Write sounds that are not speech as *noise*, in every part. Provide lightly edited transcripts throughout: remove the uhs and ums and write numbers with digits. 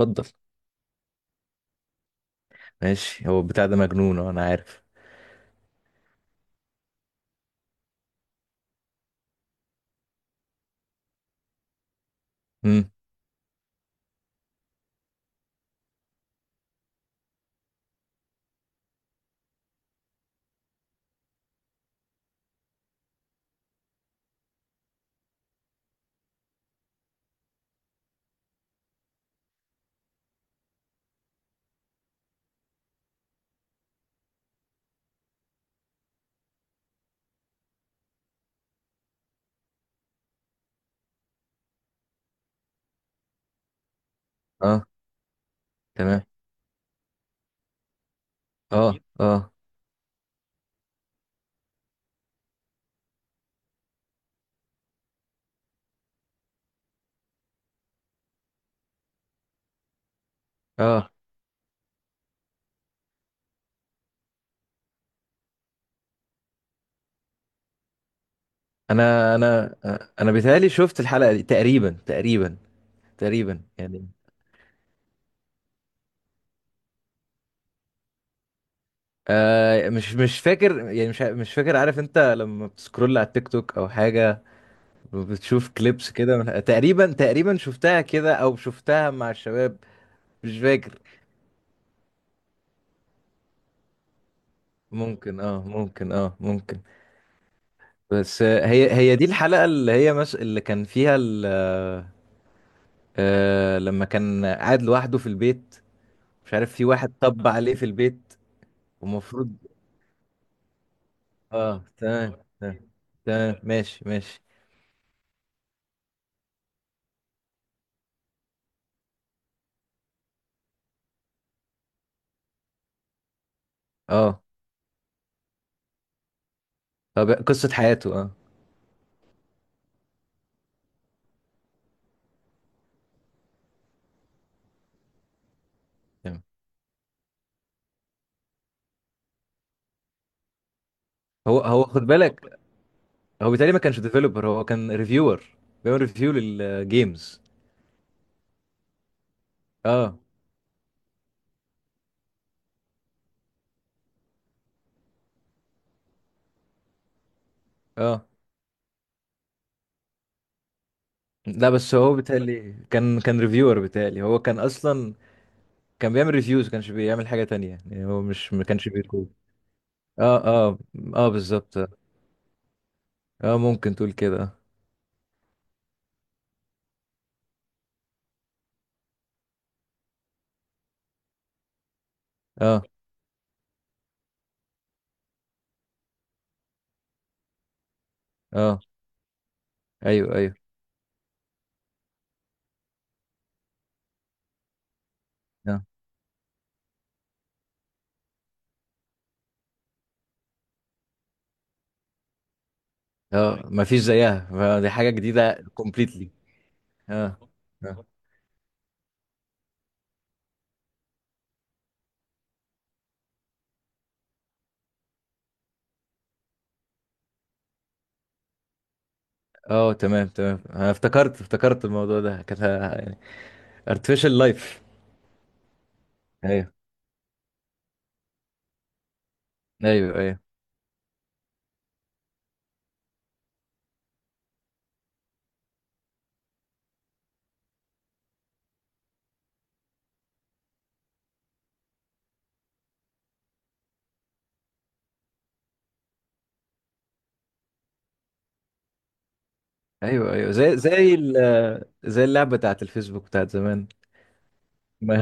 اتفضل. ماشي. هو البتاع ده مجنون، اه، انا عارف. امم اه. تمام. اه. اه. اه. انا بيتهيألي شفت الحلقة دي تقريبا، تقريبا، تقريبا يعني. مش فاكر يعني، مش فاكر. عارف انت لما بتسكرول على التيك توك او حاجة، بتشوف كليبس كده تقريبا، تقريبا شفتها كده او شفتها مع الشباب. مش فاكر. ممكن، اه، ممكن، اه، ممكن. بس، هي دي الحلقة اللي هي اللي كان فيها ال. لما كان قاعد لوحده في البيت. مش عارف، في واحد طب عليه في البيت. ومفروض. اه. تمام. تمام. تمام. ماشي. ماشي. اه، طب قصة حياته، اه. تمام. هو خد بالك. هو بالتالي ما كانش ديفيلوبر، هو كان ريفيور. بيعمل ريفيو للجيمز. اه. اه. لا، بس هو بالتالي كان ريفيور، بالتالي هو كان اصلا. كان بيعمل ريفيوز، ما كانش بيعمل حاجة تانية يعني، هو مش ما كانش بيكون. اه. اه. اه، بالظبط. اه ممكن تقول كده. اه. اه. ايوه. ايوه. اه. اه، مفيش زيها، فدي حاجه جديده كومبليتلي. اه. اه. اه. تمام. تمام. انا افتكرت، افتكرت الموضوع ده، كانت يعني artificial life. ايوه. ايوه. ايوه. ايوه. ايوه، زي اللعبه بتاعت الفيسبوك بتاعت زمان. *laughs* ما.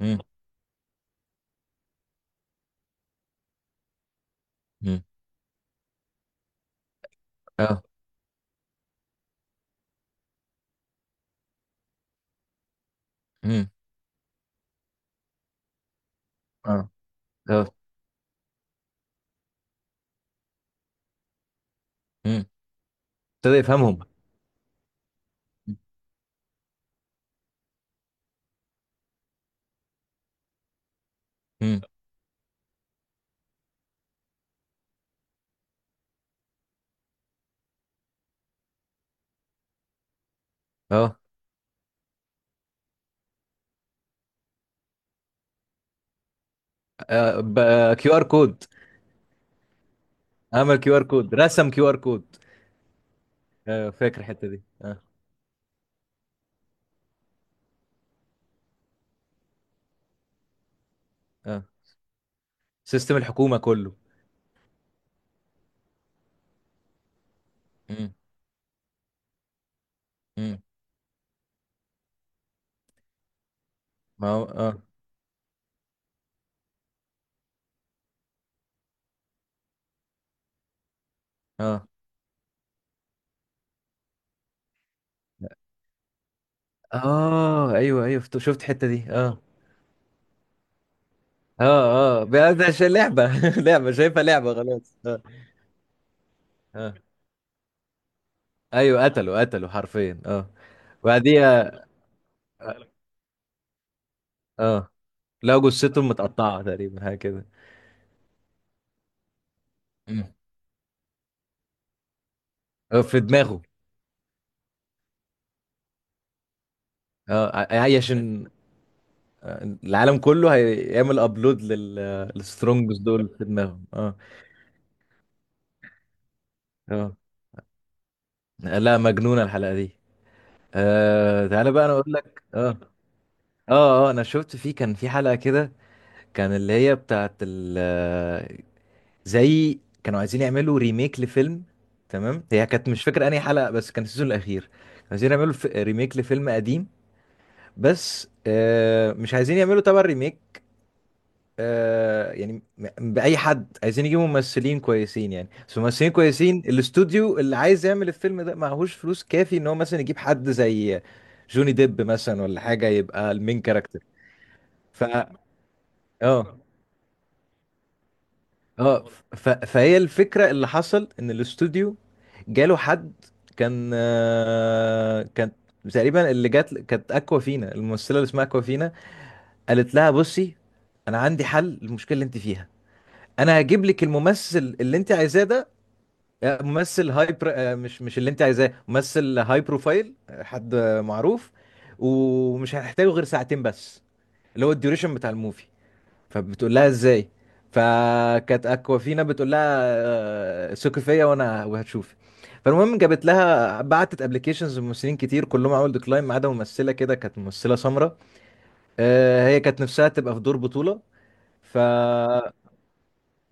مم. مم. اه. مم. اه. اه. مم. ابتدى يفهمهم. مم. اه، كيو ار كود. عمل كيو ار كود، رسم كيو ار كود. آه، فاكر الحته دي، اه. اه، سيستم الحكومه كله. مم. مم. ما هو اه. اه. اه. ايوه. ايوه. شفت الحته دي، اه. اه. اه بقى ده عشان لعبه. *laughs* لعبه شايفها، لعبه، خلاص، اه. اه. ايوه، قتلوا، قتلوا حرفيا، اه. وبعديها. اه. آه. لقوا جثتهم متقطعه تقريبا، حاجه كده. مم. آه، في دماغه. اه، هي عشان. آه، العالم كله هيعمل ابلود للسترونجز دول في دماغهم، اه. اه، لا، مجنونه الحلقه دي. آه، تعالى بقى انا اقول لك، اه. اه. اه، انا شفت فيه كان في حلقة كده. كان اللي هي بتاعت ال، زي، كانوا عايزين يعملوا ريميك لفيلم. تمام. هي كانت، مش فاكر انهي حلقة، بس كان السيزون الاخير. كانوا عايزين يعملوا ريميك لفيلم قديم. بس مش عايزين يعملوا تبع الريميك. يعني بأي حد عايزين يجيبوا ممثلين كويسين، يعني بس ممثلين كويسين. الاستوديو اللي عايز يعمل الفيلم ده معهوش فلوس كافي ان هو مثلا يجيب حد زي جوني ديب مثلا ولا حاجة يبقى المين كاركتر. ف اه. اه. فهي الفكرة، اللي حصل ان الاستوديو. جاله حد. كان، كانت. تقريبا اللي جات كانت اكوا فينا، الممثلة اللي اسمها اكوا فينا. قالت لها بصي. انا عندي حل للمشكلة اللي انت فيها. انا هجيب لك الممثل اللي انت عايزاه ده. ممثل هاي مش اللي انت عايزاه، ممثل هاي بروفايل، حد معروف. ومش هنحتاجه غير ساعتين بس. اللي هو الديوريشن بتاع الموفي. فبتقول لها ازاي؟ فكانت اكوافينا بتقول لها. ثقي فيا وانا، وهتشوفي. فالمهم جابت لها، بعتت ابلكيشنز لممثلين كتير كلهم عملوا ديكلاين ما عدا ممثله كده، كانت ممثله سمراء. هي كانت نفسها تبقى في دور بطوله. ف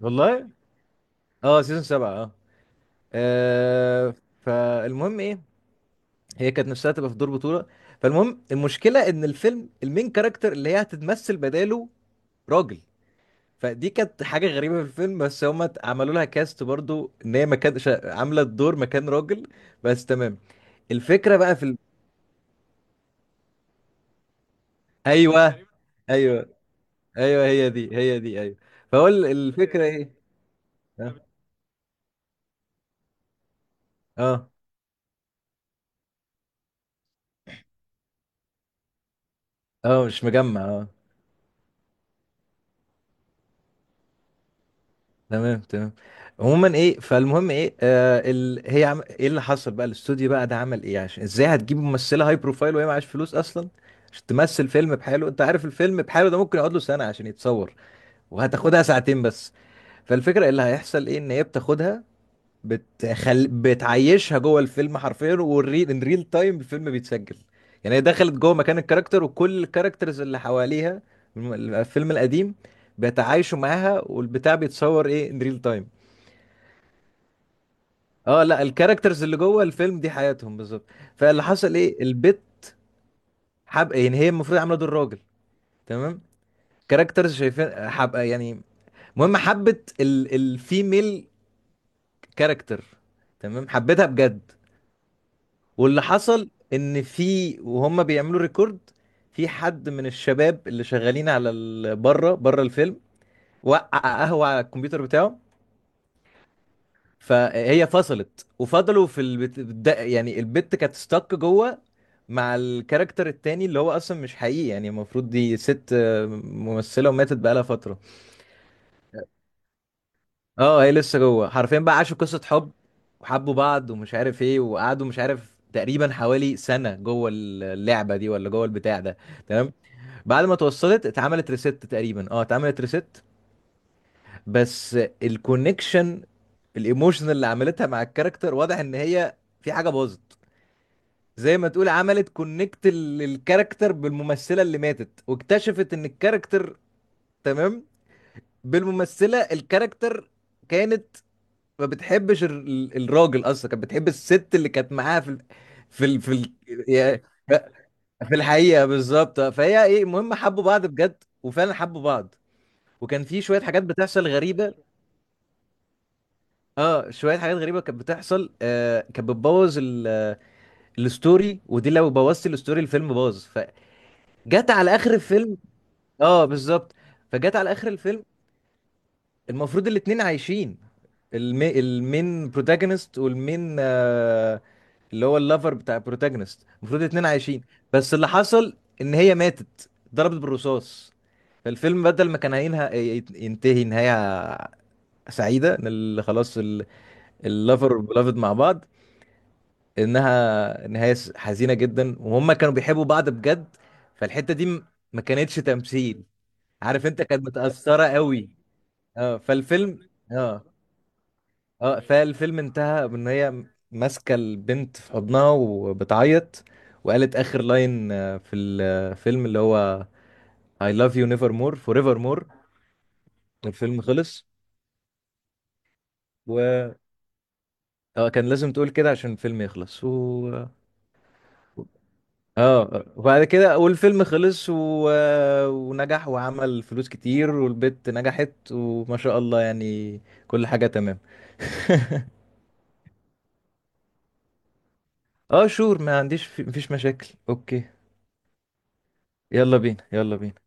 والله. اه، سيزون 7، اه. آه، فالمهم ايه. هي كانت نفسها تبقى في دور بطوله. فالمهم المشكله ان الفيلم المين كاركتر اللي هي هتتمثل بداله. راجل. فدي كانت حاجة غريبة في الفيلم، بس هما عملوا لها كاست برضو ان هي مكان عاملة الدور مكان راجل. بس، تمام. الفكرة بقى في ايوه. ايوه. ايوه. هي دي، هي دي، ايوه. فهو الفكرة ايه؟ اه. اه. مش مجمع، اه. تمام. تمام. عموما ايه، فالمهم ايه، هي ايه اللي حصل بقى، الاستوديو بقى ده عمل ايه عشان، ازاي هتجيب ممثلة هاي بروفايل وهي معاش فلوس اصلا؟ عشان تمثل فيلم بحاله، انت عارف الفيلم بحاله ده ممكن يقعد له سنة عشان يتصور. وهتاخدها ساعتين بس. فالفكرة اللي هيحصل ايه، ان هي بتاخدها. بتعيشها جوه الفيلم حرفيا، والريل ان ريل تايم الفيلم بيتسجل. يعني هي دخلت جوه مكان الكاركتر، وكل الكاركترز اللي حواليها. الفيلم القديم. بيتعايشوا معاها، والبتاع بيتصور ايه ان ريل تايم. اه، لا، الكاركترز اللي جوه الفيلم دي حياتهم بالظبط. فاللي حصل ايه، البت. حب، يعني هي المفروض عامله دور راجل. تمام. كاركترز شايفين حب يعني. المهم حبت الفيميل. كاركتر. تمام، حبيتها بجد. واللي حصل ان في، وهم بيعملوا ريكورد. في حد من الشباب اللي شغالين على بره، بره الفيلم. وقع. قهوة على الكمبيوتر بتاعه. فهي فصلت، وفضلوا في يعني البت كانت ستك جوه. مع الكاركتر التاني اللي هو اصلا مش حقيقي، يعني المفروض دي ست، ممثلة وماتت بقالها فترة. اه، هي لسه جوه، حرفيا بقى عاشوا قصة حب. وحبوا بعض، ومش عارف ايه، وقعدوا مش عارف تقريبا حوالي سنة جوه اللعبة دي ولا جوه البتاع ده. تمام. بعد ما اتوصلت اتعملت ريست تقريبا، اه، اتعملت ريست. بس. الكونكشن. الايموشن اللي عملتها مع الكاركتر، واضح ان هي في حاجه باظت. زي ما تقول عملت كونكت الكاركتر بالممثله اللي ماتت، واكتشفت ان الكاركتر. تمام. بالممثله، الكاركتر. كانت. ما بتحبش الراجل اصلا، كانت بتحب الست اللي كانت معاها في ال. في في ال... يا- في الحقيقه بالظبط، فهي ايه، المهم حبوا بعض بجد وفعلا حبوا بعض. وكان في شويه حاجات بتحصل غريبه. اه، شويه حاجات غريبه كانت بتحصل، كانت بتبوظ الستوري، ودي لو بوظت الستوري، الفيلم باظ. فجت على اخر الفيلم. اه، بالظبط. فجت على اخر الفيلم. المفروض الاتنين عايشين. المين بروتاجونست والمين اللي هو اللافر بتاع البروتاجونست، المفروض الاتنين عايشين. بس اللي حصل ان هي ماتت، ضربت بالرصاص. فالفيلم بدل ما كان هينهى. ينتهي نهايه. سعيده ان خلاص. اللافر والبلافد مع بعض. انها نهايه حزينه جدا، وهم كانوا بيحبوا بعض بجد. فالحته دي ما كانتش تمثيل. عارف انت كانت متاثره قوي. اه فالفيلم، اه. اه، فالفيلم انتهى بان هي. ماسكه البنت في حضنها وبتعيط. وقالت اخر لاين في الفيلم اللي هو I love you never more forever more. الفيلم خلص. و. اه، كان لازم تقول كده عشان الفيلم يخلص و. اه، وبعد كده والفيلم خلص و. ونجح وعمل فلوس كتير والبت نجحت وما شاء الله يعني. كل حاجة تمام. *laughs* اه شور، ما عنديش مفيش مشاكل، اوكي. يلا بينا، يلا بينا.